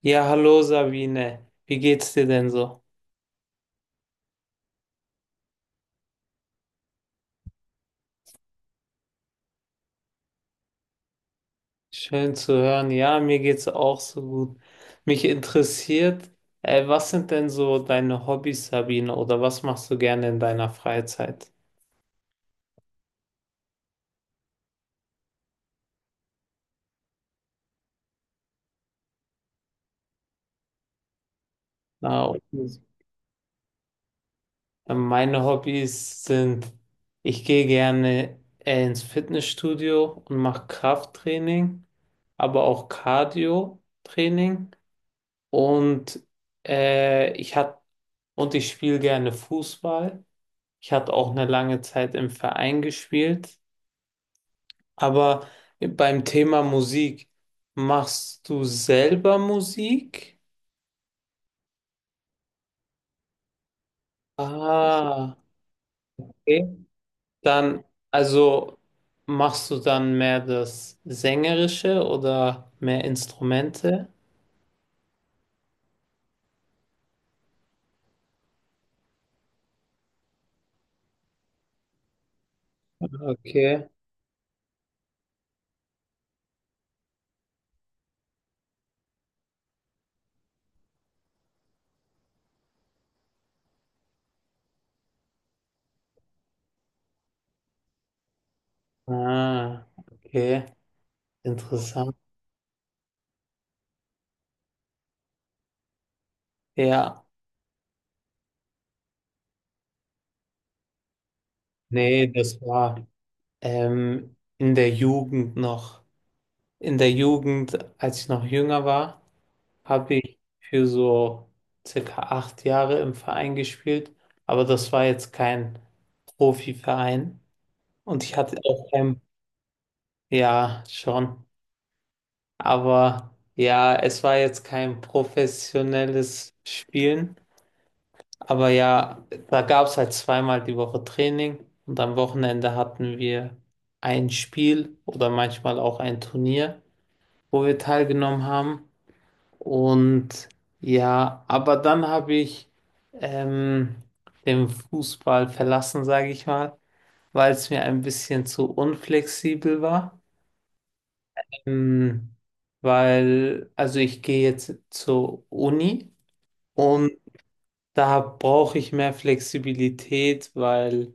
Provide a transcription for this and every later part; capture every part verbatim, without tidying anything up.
Ja, hallo Sabine. Wie geht's dir denn so? Schön zu hören. Ja, mir geht's auch so gut. Mich interessiert, äh, was sind denn so deine Hobbys, Sabine, oder was machst du gerne in deiner Freizeit? Na, und, äh, Meine Hobbys sind, ich gehe gerne äh, ins Fitnessstudio und mache Krafttraining, aber auch Cardio-Training und äh, ich hab, und ich spiele gerne Fußball. Ich hatte auch eine lange Zeit im Verein gespielt, aber beim Thema Musik, machst du selber Musik? Ah, okay. Dann, also machst du dann mehr das Sängerische oder mehr Instrumente? Okay. Ah, okay. Interessant. Ja, nee, das war ähm, in der Jugend noch. In der Jugend, als ich noch jünger war, habe ich für so circa acht Jahre im Verein gespielt, aber das war jetzt kein Profiverein und ich hatte auch kein, ja, schon, aber ja, es war jetzt kein professionelles Spielen, aber ja, da gab es halt zweimal die Woche Training und am Wochenende hatten wir ein Spiel oder manchmal auch ein Turnier, wo wir teilgenommen haben. Und ja, aber dann habe ich ähm, den Fußball verlassen, sage ich mal, weil es mir ein bisschen zu unflexibel war. Ähm, weil, also ich gehe jetzt zur Uni und da brauche ich mehr Flexibilität, weil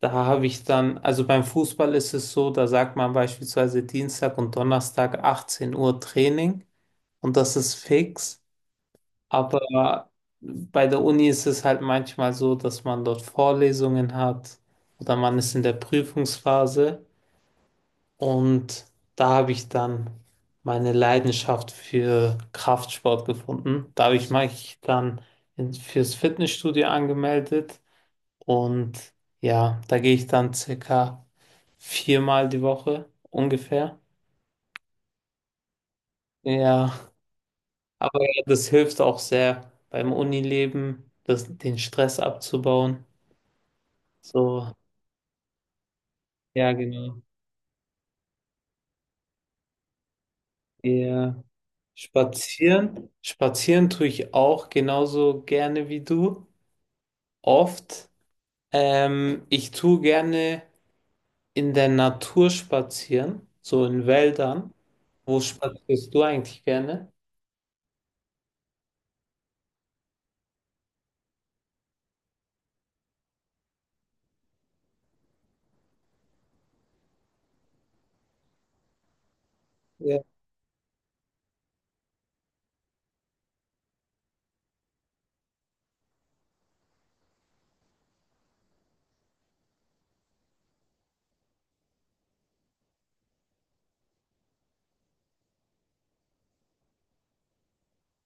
da habe ich dann, also beim Fußball ist es so, da sagt man beispielsweise Dienstag und Donnerstag achtzehn Uhr Training und das ist fix. Aber bei der Uni ist es halt manchmal so, dass man dort Vorlesungen hat oder man ist in der Prüfungsphase und da habe ich dann meine Leidenschaft für Kraftsport gefunden. Da habe ich mich dann in, fürs Fitnessstudio angemeldet und ja, da gehe ich dann circa viermal die Woche ungefähr. Ja, aber ja, das hilft auch sehr beim Unileben, das, den Stress abzubauen. So, ja, genau. Ja. Spazieren. Spazieren tue ich auch genauso gerne wie du. Oft. Ähm, ich tue gerne in der Natur spazieren, so in Wäldern. Wo spazierst du eigentlich gerne? Ja,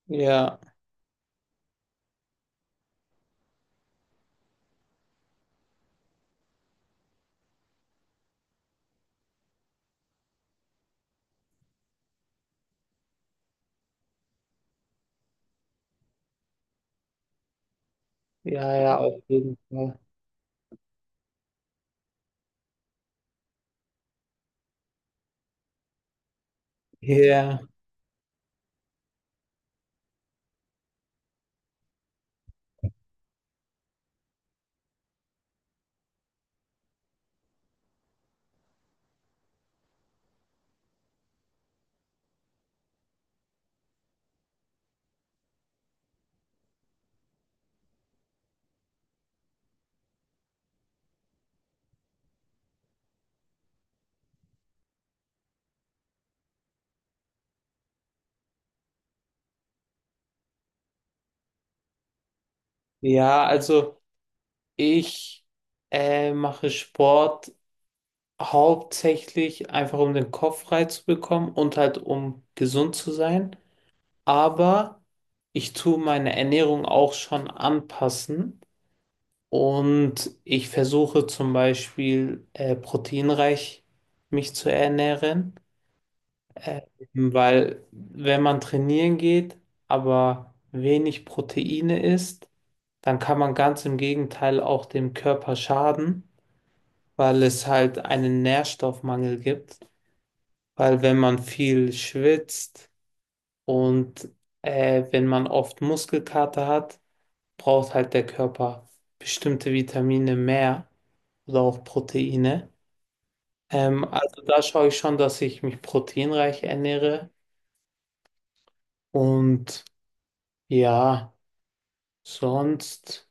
ja, ja, ja, auf jeden Fall. Ja, ja, also ich äh, mache Sport hauptsächlich einfach, um den Kopf frei zu bekommen und halt, um gesund zu sein, aber ich tue meine Ernährung auch schon anpassen und ich versuche zum Beispiel äh, proteinreich mich zu ernähren, äh, weil wenn man trainieren geht, aber wenig Proteine isst, dann kann man ganz im Gegenteil auch dem Körper schaden, weil es halt einen Nährstoffmangel gibt, weil wenn man viel schwitzt und äh, wenn man oft Muskelkater hat, braucht halt der Körper bestimmte Vitamine mehr oder auch Proteine. Ähm, also da schaue ich schon, dass ich mich proteinreich ernähre. Und ja, sonst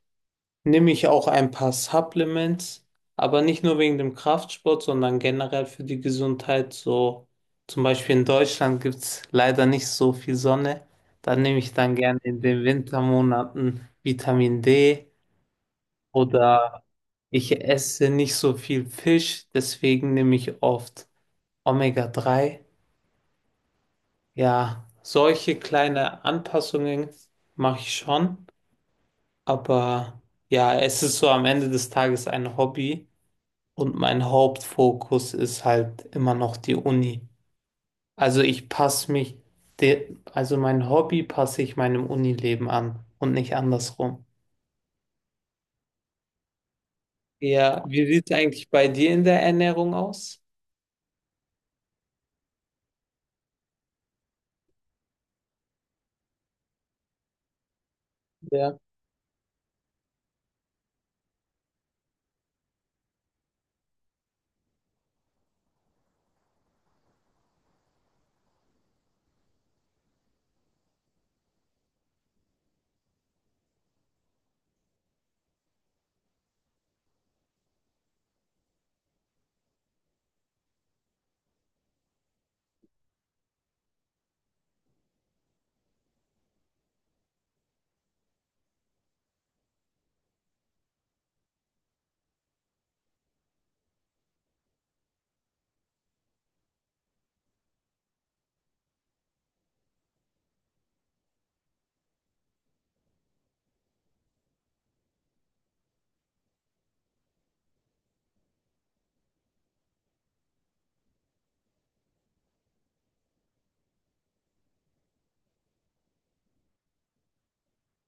nehme ich auch ein paar Supplements, aber nicht nur wegen dem Kraftsport, sondern generell für die Gesundheit. So zum Beispiel in Deutschland gibt es leider nicht so viel Sonne. Da nehme ich dann gerne in den Wintermonaten Vitamin D oder ich esse nicht so viel Fisch, deswegen nehme ich oft omega drei. Ja, solche kleine Anpassungen mache ich schon, aber ja, es ist so am Ende des Tages ein Hobby und mein Hauptfokus ist halt immer noch die Uni. Also ich passe mich, de also mein Hobby passe ich meinem Unileben an und nicht andersrum. Ja, wie sieht es eigentlich bei dir in der Ernährung aus? Ja,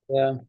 ja,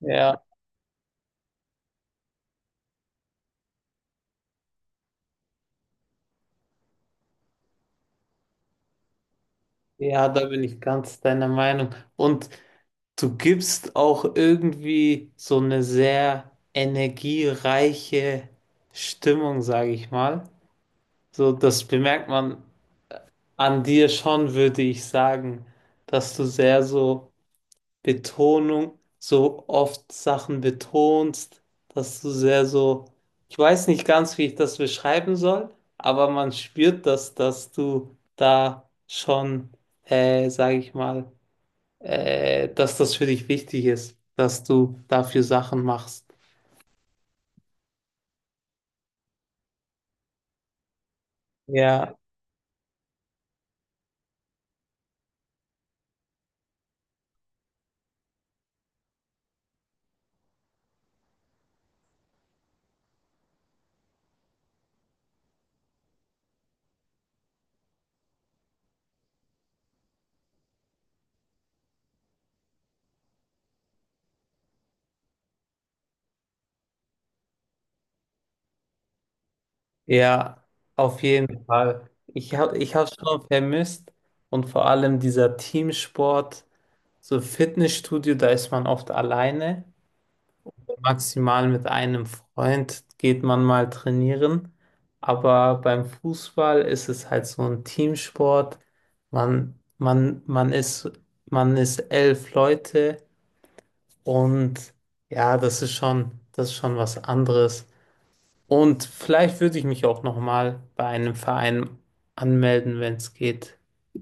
ja. Ja, da bin ich ganz deiner Meinung. Und du gibst auch irgendwie so eine sehr energiereiche Stimmung, sage ich mal. So, das bemerkt man an dir schon, würde ich sagen, dass du sehr so Betonung, so oft Sachen betonst, dass du sehr so, ich weiß nicht ganz, wie ich das beschreiben soll, aber man spürt das, dass du da schon, äh, sage ich mal, äh, dass das für dich wichtig ist, dass du dafür Sachen machst. Ja, ja, auf jeden Fall. Ich habe ich hab's schon vermisst und vor allem dieser Teamsport, so Fitnessstudio, da ist man oft alleine. Maximal mit einem Freund geht man mal trainieren. Aber beim Fußball ist es halt so ein Teamsport. Man, man, man ist, man ist elf Leute. Und ja, das ist schon, das ist schon was anderes. Und vielleicht würde ich mich auch noch mal bei einem Verein anmelden, wenn es geht.